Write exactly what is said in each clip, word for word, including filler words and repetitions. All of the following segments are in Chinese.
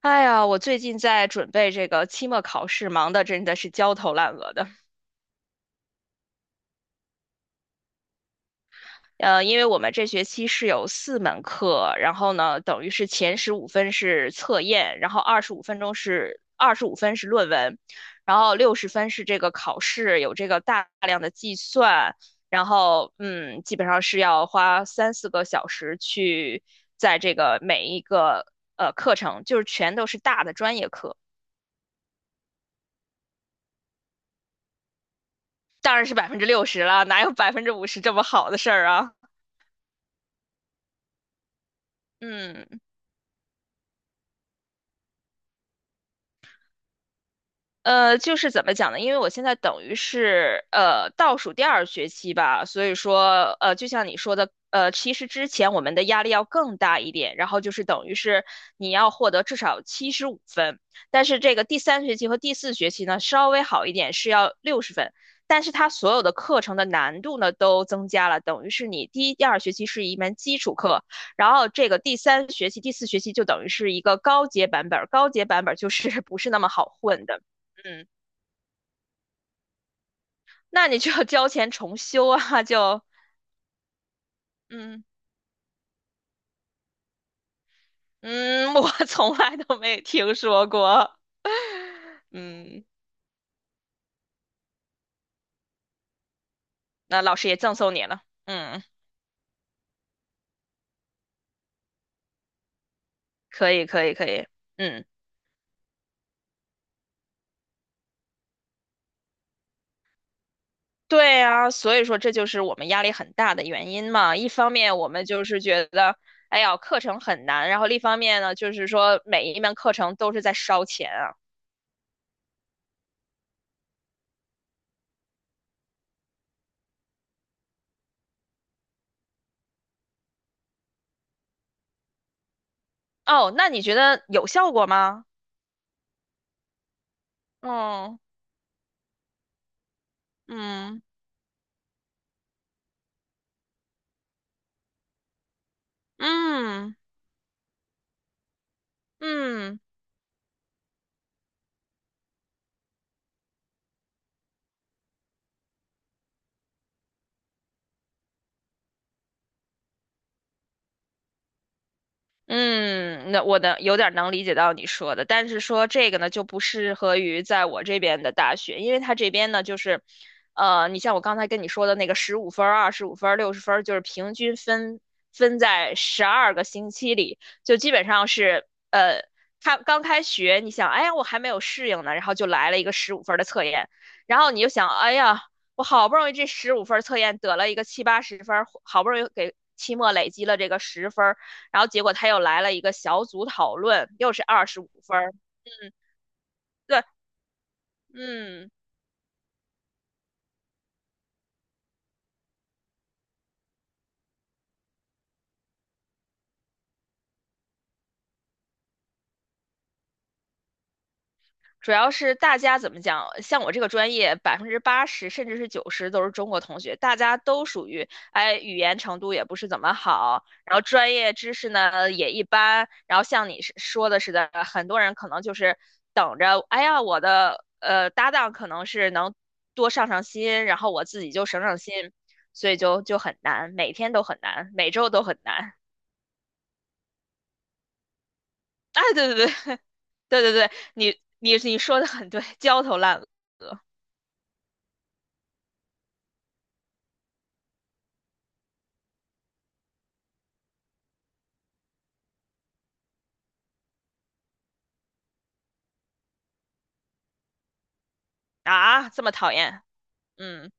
哎呀，我最近在准备这个期末考试，忙的真的是焦头烂额的。呃，因为我们这学期是有四门课，然后呢，等于是前十五分是测验，然后二十五分钟是二十五分是论文，然后六十分是这个考试，有这个大量的计算，然后嗯，基本上是要花三四个小时去在这个每一个呃课程，就是全都是大的专业课。当然是百分之六十了，哪有百分之五十这么好的事儿啊？嗯，呃，就是怎么讲呢？因为我现在等于是呃倒数第二学期吧，所以说呃，就像你说的，呃，其实之前我们的压力要更大一点，然后就是等于是你要获得至少七十五分，但是这个第三学期和第四学期呢稍微好一点，是要六十分，但是它所有的课程的难度呢都增加了，等于是你第一、第二学期是一门基础课，然后这个第三学期、第四学期就等于是一个高阶版本儿，高阶版本儿就是 不是那么好混的。嗯，那你就要交钱重修啊，就嗯嗯，我 从来都没听说过。嗯，那老师也赠送你了。嗯，可以，可以，可以。嗯，对啊，所以说这就是我们压力很大的原因嘛。一方面我们就是觉得，哎呀，课程很难，然后另一方面呢，就是说每一门课程都是在烧钱啊。哦，那你觉得有效果吗？嗯嗯嗯嗯。嗯，那我能有点儿能理解到你说的，但是说这个呢，就不适合于在我这边的大学，因为它这边呢，就是，呃，你像我刚才跟你说的那个十五分儿、二十五分儿、六十分儿，就是平均分分在十二个星期里，就基本上是，呃，他刚开学，你想，哎呀，我还没有适应呢，然后就来了一个十五分儿的测验，然后你就想，哎呀，我好不容易这十五分儿测验得了一个七八十分儿，好不容易给期末累积了这个十分。然后结果他又来了一个小组讨论，又是二十五分儿。嗯，对，嗯，主要是大家怎么讲，像我这个专业，百分之八十甚至是九十都是中国同学，大家都属于，哎，语言程度也不是怎么好，然后专业知识呢也一般，然后像你是说的似的，很多人可能就是等着，哎呀，我的呃搭档可能是能多上上心，然后我自己就省省心，所以就就很难，每天都很难，每周都很难。哎，对对对对对对，你你你说的很对，焦头烂额啊，这么讨厌，嗯，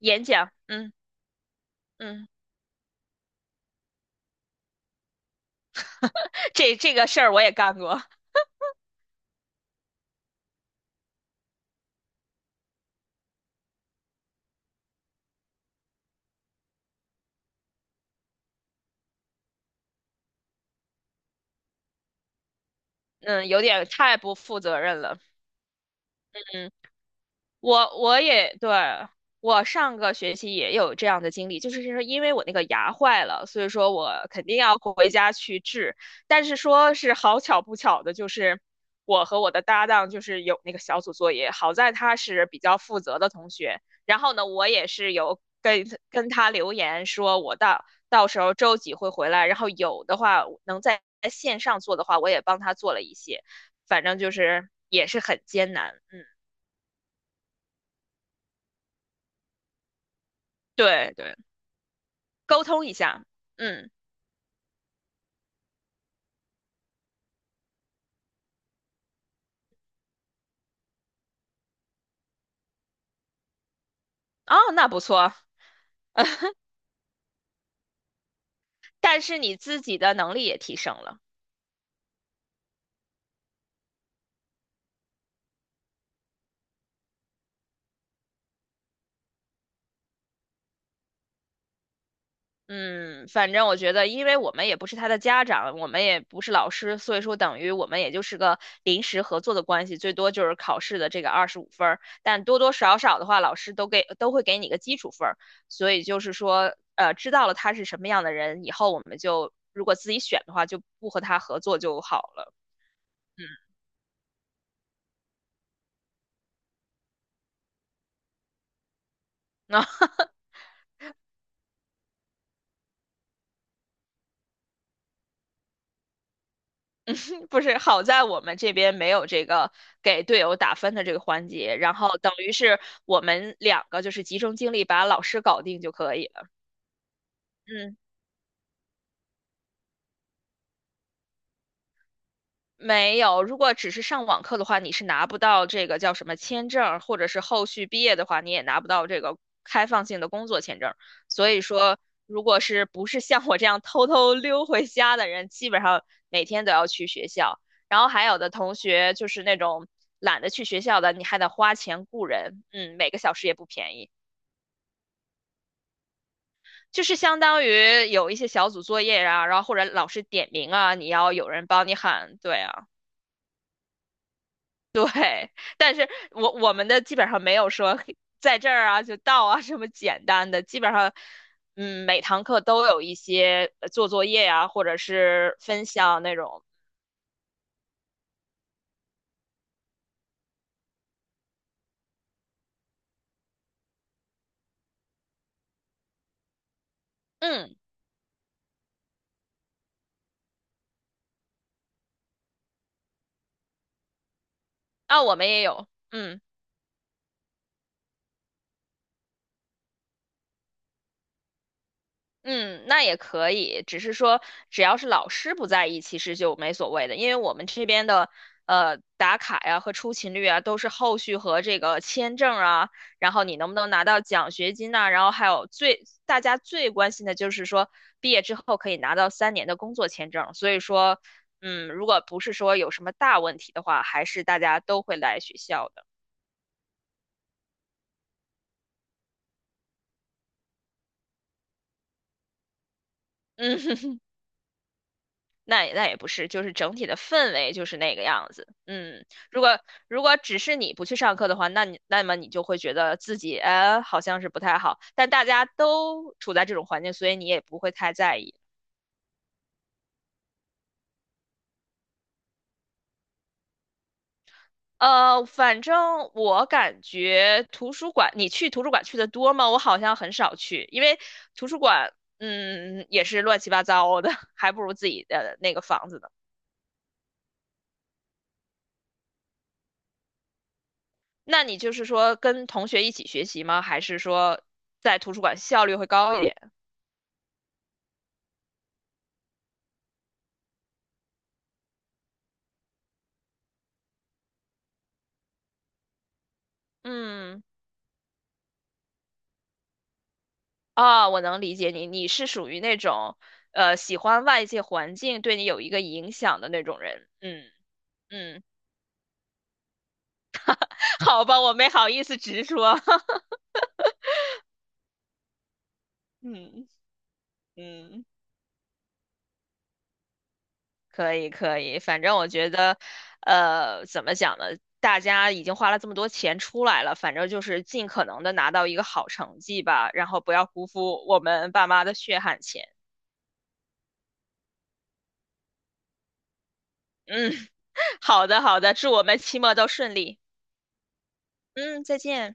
演讲，嗯嗯，这这个事儿我也干过，嗯，有点太不负责任了，嗯。我我也对，我上个学期也有这样的经历，就是说因为我那个牙坏了，所以说我肯定要回家去治。但是说是好巧不巧的，就是我和我的搭档就是有那个小组作业，好在他是比较负责的同学，然后呢，我也是有跟跟他留言说我到到时候周几会回来，然后有的话能在线上做的话，我也帮他做了一些，反正就是也是很艰难，嗯，对对。沟通一下。嗯，哦，那不错，但是你自己的能力也提升了。嗯，反正我觉得，因为我们也不是他的家长，我们也不是老师，所以说等于我们也就是个临时合作的关系，最多就是考试的这个二十五分儿，但多多少少的话，老师都给都会给你个基础分儿，所以就是说，呃，知道了他是什么样的人以后，我们就如果自己选的话，就不和他合作就好了。嗯，那不是，好在我们这边没有这个给队友打分的这个环节，然后等于是我们两个就是集中精力把老师搞定就可以了。嗯。没有，如果只是上网课的话，你是拿不到这个叫什么签证或者是后续毕业的话，你也拿不到这个开放性的工作签证所以说，如果是不是像我这样偷偷溜回家的人，基本上每天都要去学校。然后还有的同学就是那种懒得去学校的，你还得花钱雇人，嗯，每个小时也不便宜。就是相当于有一些小组作业啊，然后或者老师点名啊，你要有人帮你喊，对啊。对，但是我我们的基本上没有说嘿在这儿啊就到啊这么简单的，基本上，嗯，每堂课都有一些呃做作业呀、或者是分享那种，嗯，啊，我们也有，嗯。嗯，那也可以，只是说只要是老师不在意，其实就没所谓的，因为我们这边的呃打卡呀和出勤率啊，都是后续和这个签证啊，然后你能不能拿到奖学金呐、然后还有最大家最关心的就是说毕业之后可以拿到三年的工作签证，所以说，嗯，如果不是说有什么大问题的话，还是大家都会来学校的。嗯，那也那也不是，就是整体的氛围就是那个样子。嗯，如果如果只是你不去上课的话，那你那么你就会觉得自己呃好像是不太好，但大家都处在这种环境，所以你也不会太在意。呃，反正我感觉图书馆，你去图书馆去的多吗？我好像很少去，因为图书馆嗯也是乱七八糟的，还不如自己的那个房子呢。那你就是说跟同学一起学习吗？还是说在图书馆效率会高一点？嗯，啊，我能理解你，你是属于那种，呃，喜欢外界环境对你有一个影响的那种人。嗯嗯，好吧，我没好意思直说。嗯嗯，可以可以，反正我觉得，呃，怎么讲呢？大家已经花了这么多钱出来了，反正就是尽可能的拿到一个好成绩吧，然后不要辜负我们爸妈的血汗钱。嗯，好的好的，祝我们期末都顺利。嗯，再见。